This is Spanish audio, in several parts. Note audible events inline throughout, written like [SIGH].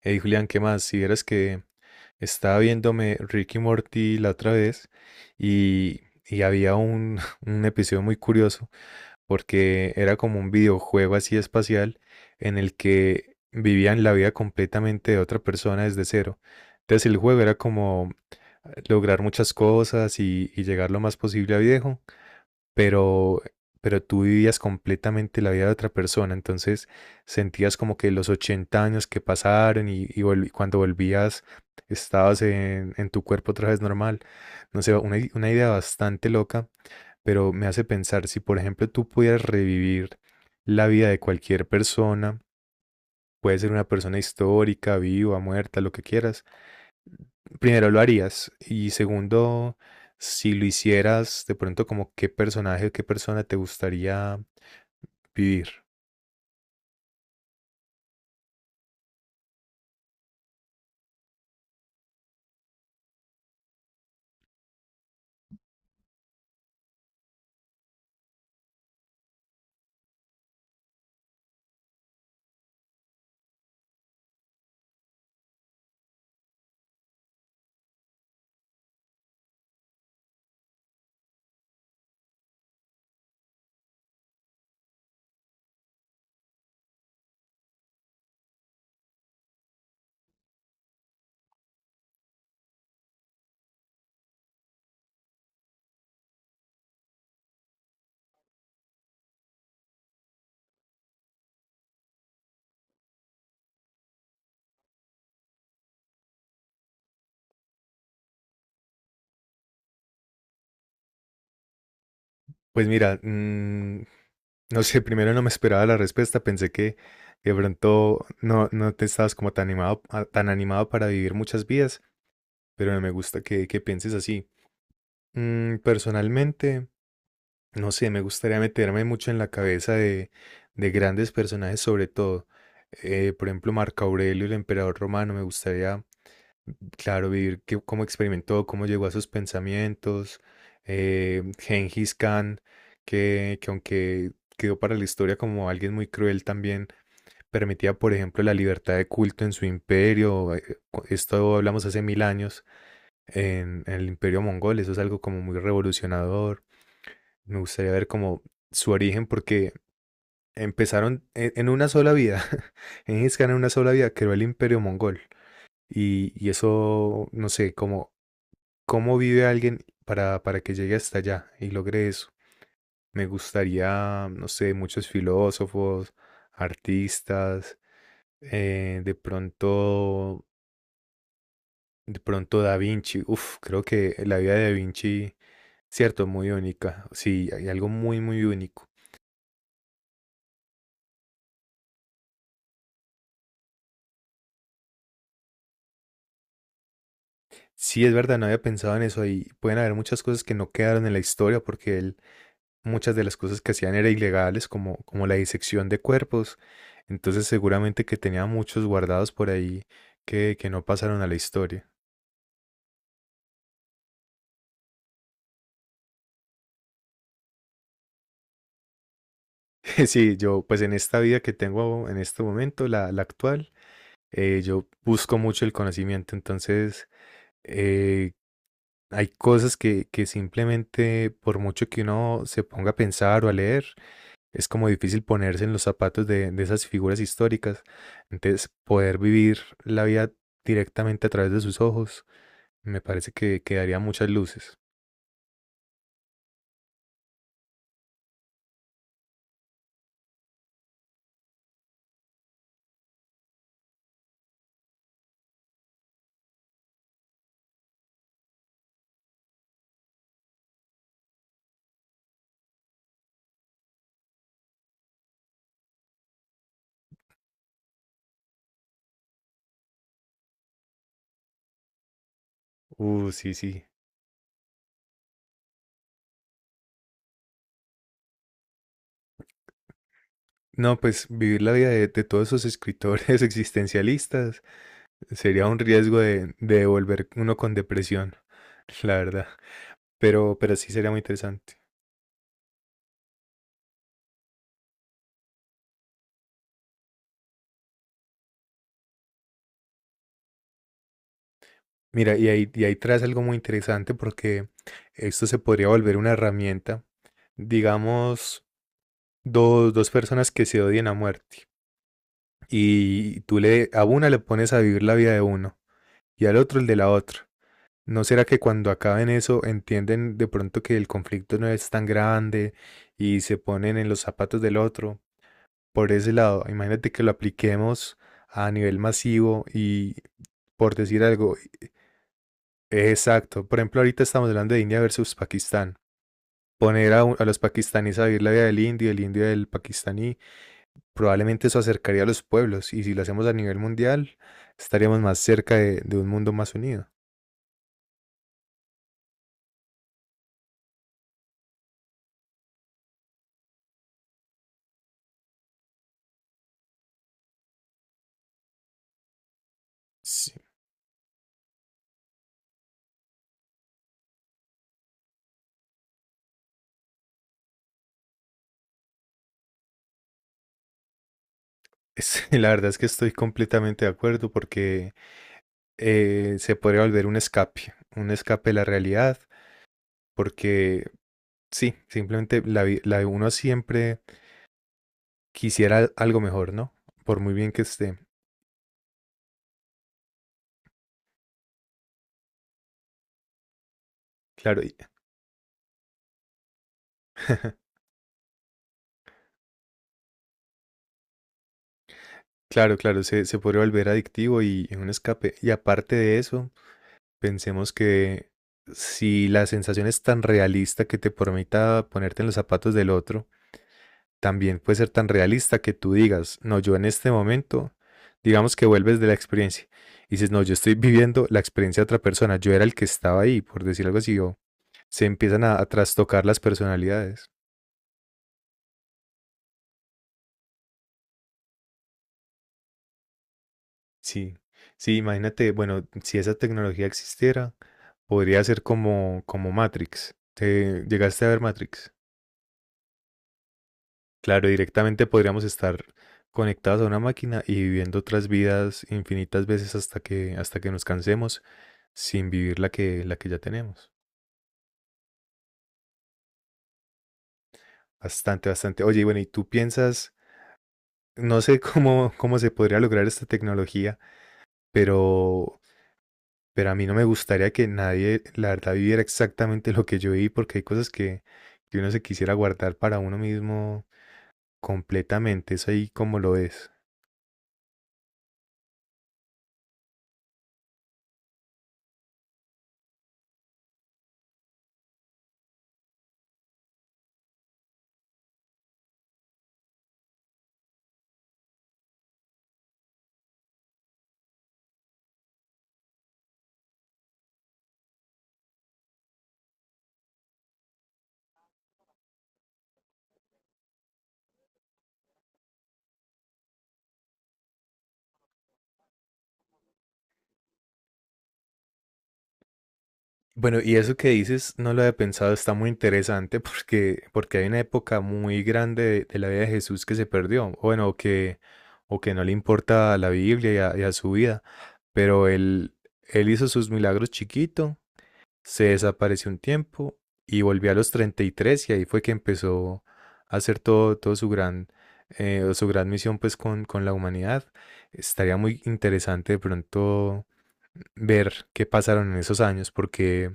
Hey Julián, ¿qué más? Si vieras que estaba viéndome Ricky y Morty la otra vez y, y había [LAUGHS] un episodio muy curioso porque era como un videojuego así espacial en el que vivían la vida completamente de otra persona desde cero. Entonces el juego era como lograr muchas cosas y llegar lo más posible a viejo pero, pero tú vivías completamente la vida de otra persona, entonces sentías como que los 80 años que pasaron y cuando volvías estabas en tu cuerpo otra vez normal. No sé, una idea bastante loca, pero me hace pensar si, por ejemplo, tú pudieras revivir la vida de cualquier persona, puede ser una persona histórica, viva, muerta, lo que quieras. Primero, ¿lo harías? Y segundo, si lo hicieras, de pronto, como qué personaje, qué persona te gustaría vivir. Pues mira, no sé, primero no me esperaba la respuesta, pensé que de pronto no te estabas como tan animado, tan animado para vivir muchas vidas, pero no me gusta que pienses así. Personalmente, no sé, me gustaría meterme mucho en la cabeza de grandes personajes sobre todo. Por ejemplo, Marco Aurelio, el emperador romano, me gustaría claro, vivir cómo experimentó, cómo llegó a sus pensamientos. Gengis Khan, que aunque quedó para la historia como alguien muy cruel también, permitía, por ejemplo, la libertad de culto en su imperio. Esto hablamos hace mil años en el imperio mongol. Eso es algo como muy revolucionador. Me gustaría ver como su origen porque empezaron en una sola vida. [LAUGHS] Gengis Khan en una sola vida creó el imperio mongol. Y eso, no sé, como ¿cómo vive alguien para que llegue hasta allá y logre eso? Me gustaría, no sé, muchos filósofos, artistas, eh, de pronto, de pronto Da Vinci. Uf, creo que la vida de Da Vinci, cierto, muy única. Sí, hay algo muy, muy único. Sí, es verdad, no había pensado en eso y pueden haber muchas cosas que no quedaron en la historia porque él muchas de las cosas que hacían eran ilegales, como la disección de cuerpos. Entonces seguramente que tenía muchos guardados por ahí que no pasaron a la historia. [LAUGHS] Sí, yo pues en esta vida que tengo en este momento, la actual, yo busco mucho el conocimiento. Entonces eh, hay cosas que simplemente por mucho que uno se ponga a pensar o a leer, es como difícil ponerse en los zapatos de esas figuras históricas. Entonces, poder vivir la vida directamente a través de sus ojos, me parece que daría muchas luces. Sí, sí. No, pues vivir la vida de todos esos escritores [LAUGHS] existencialistas sería un riesgo de devolver uno con depresión, la verdad. Pero sí sería muy interesante. Mira, y ahí traes algo muy interesante porque esto se podría volver una herramienta, digamos, dos, dos personas que se odian a muerte. Y tú le, a una le pones a vivir la vida de uno y al otro el de la otra. ¿No será que cuando acaben eso entienden de pronto que el conflicto no es tan grande y se ponen en los zapatos del otro? Por ese lado, imagínate que lo apliquemos a nivel masivo y por decir algo, exacto. Por ejemplo, ahorita estamos hablando de India versus Pakistán. Poner a, a los pakistaníes a vivir la vida del indio, el indio del pakistaní. Probablemente eso acercaría a los pueblos y si lo hacemos a nivel mundial, estaríamos más cerca de un mundo más unido. Sí. [LAUGHS] La verdad es que estoy completamente de acuerdo porque se podría volver un escape de la realidad, porque sí, simplemente la de uno siempre quisiera algo mejor, ¿no? Por muy bien que esté. Claro, [LAUGHS] claro, claro, se podría volver adictivo y un escape. Y aparte de eso, pensemos que si la sensación es tan realista que te permita ponerte en los zapatos del otro, también puede ser tan realista que tú digas, no, yo en este momento, digamos que vuelves de la experiencia y dices, no, yo estoy viviendo la experiencia de otra persona, yo era el que estaba ahí, por decir algo así, o se empiezan a trastocar las personalidades. Sí, sí, imagínate, bueno, si esa tecnología existiera, podría ser como Matrix. ¿Te llegaste a ver Matrix? Claro, directamente podríamos estar conectados a una máquina y viviendo otras vidas infinitas veces hasta que nos cansemos sin vivir la que ya tenemos. Bastante, bastante. Oye, y bueno, ¿y tú piensas, no sé [LAUGHS] cómo se podría lograr esta tecnología, pero, pero a mí no me gustaría que nadie, la verdad, viviera exactamente lo que yo viví, porque hay cosas que uno se quisiera guardar para uno mismo completamente. Es ahí como lo es. Bueno, y eso que dices, no lo había pensado, está muy interesante porque, porque hay una época muy grande de la vida de Jesús que se perdió, o bueno, o que no le importa a la Biblia y y a su vida, pero él hizo sus milagros chiquito, se desapareció un tiempo y volvió a los 33 y tres y ahí fue que empezó a hacer todo, su gran misión pues con la humanidad. Estaría muy interesante de pronto ver qué pasaron en esos años, porque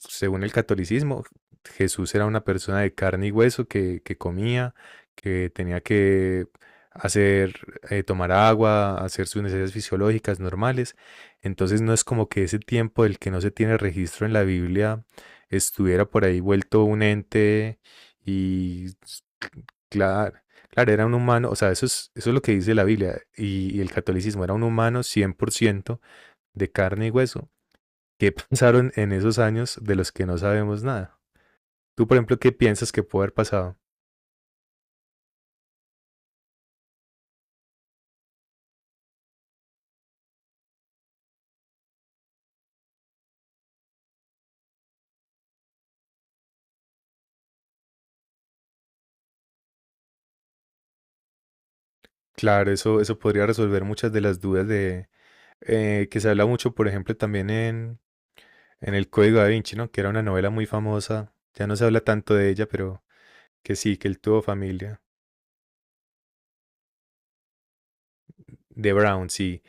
según el catolicismo, Jesús era una persona de carne y hueso que comía, que tenía que hacer, tomar agua, hacer sus necesidades fisiológicas normales. Entonces no es como que ese tiempo del que no se tiene registro en la Biblia estuviera por ahí vuelto un ente y claro, claro, era un humano, o sea, eso es lo que dice la Biblia y el catolicismo, era un humano 100% de carne y hueso. ¿Qué pasaron en esos años de los que no sabemos nada? Tú, por ejemplo, ¿qué piensas que puede haber pasado? Claro, eso podría resolver muchas de las dudas de que se habla mucho, por ejemplo, también en El Código da Vinci, ¿no? Que era una novela muy famosa. Ya no se habla tanto de ella, pero que sí, que él tuvo familia. De Brown, sí.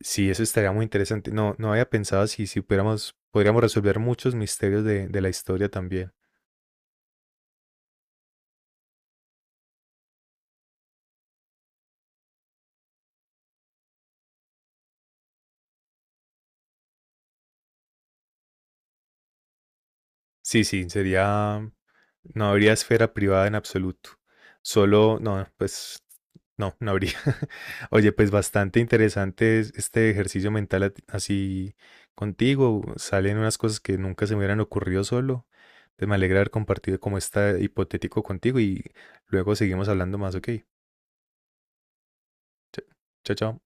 Sí, eso estaría muy interesante. No, no había pensado si pudiéramos, podríamos resolver muchos misterios de la historia también. Sí, sí, sería no habría esfera privada en absoluto. Solo, no, pues no, no habría. [LAUGHS] Oye, pues bastante interesante este ejercicio mental así contigo. Salen unas cosas que nunca se me hubieran ocurrido solo. Entonces me alegra haber compartido como está hipotético contigo y luego seguimos hablando más, ¿ok? Ch- Chao, chao.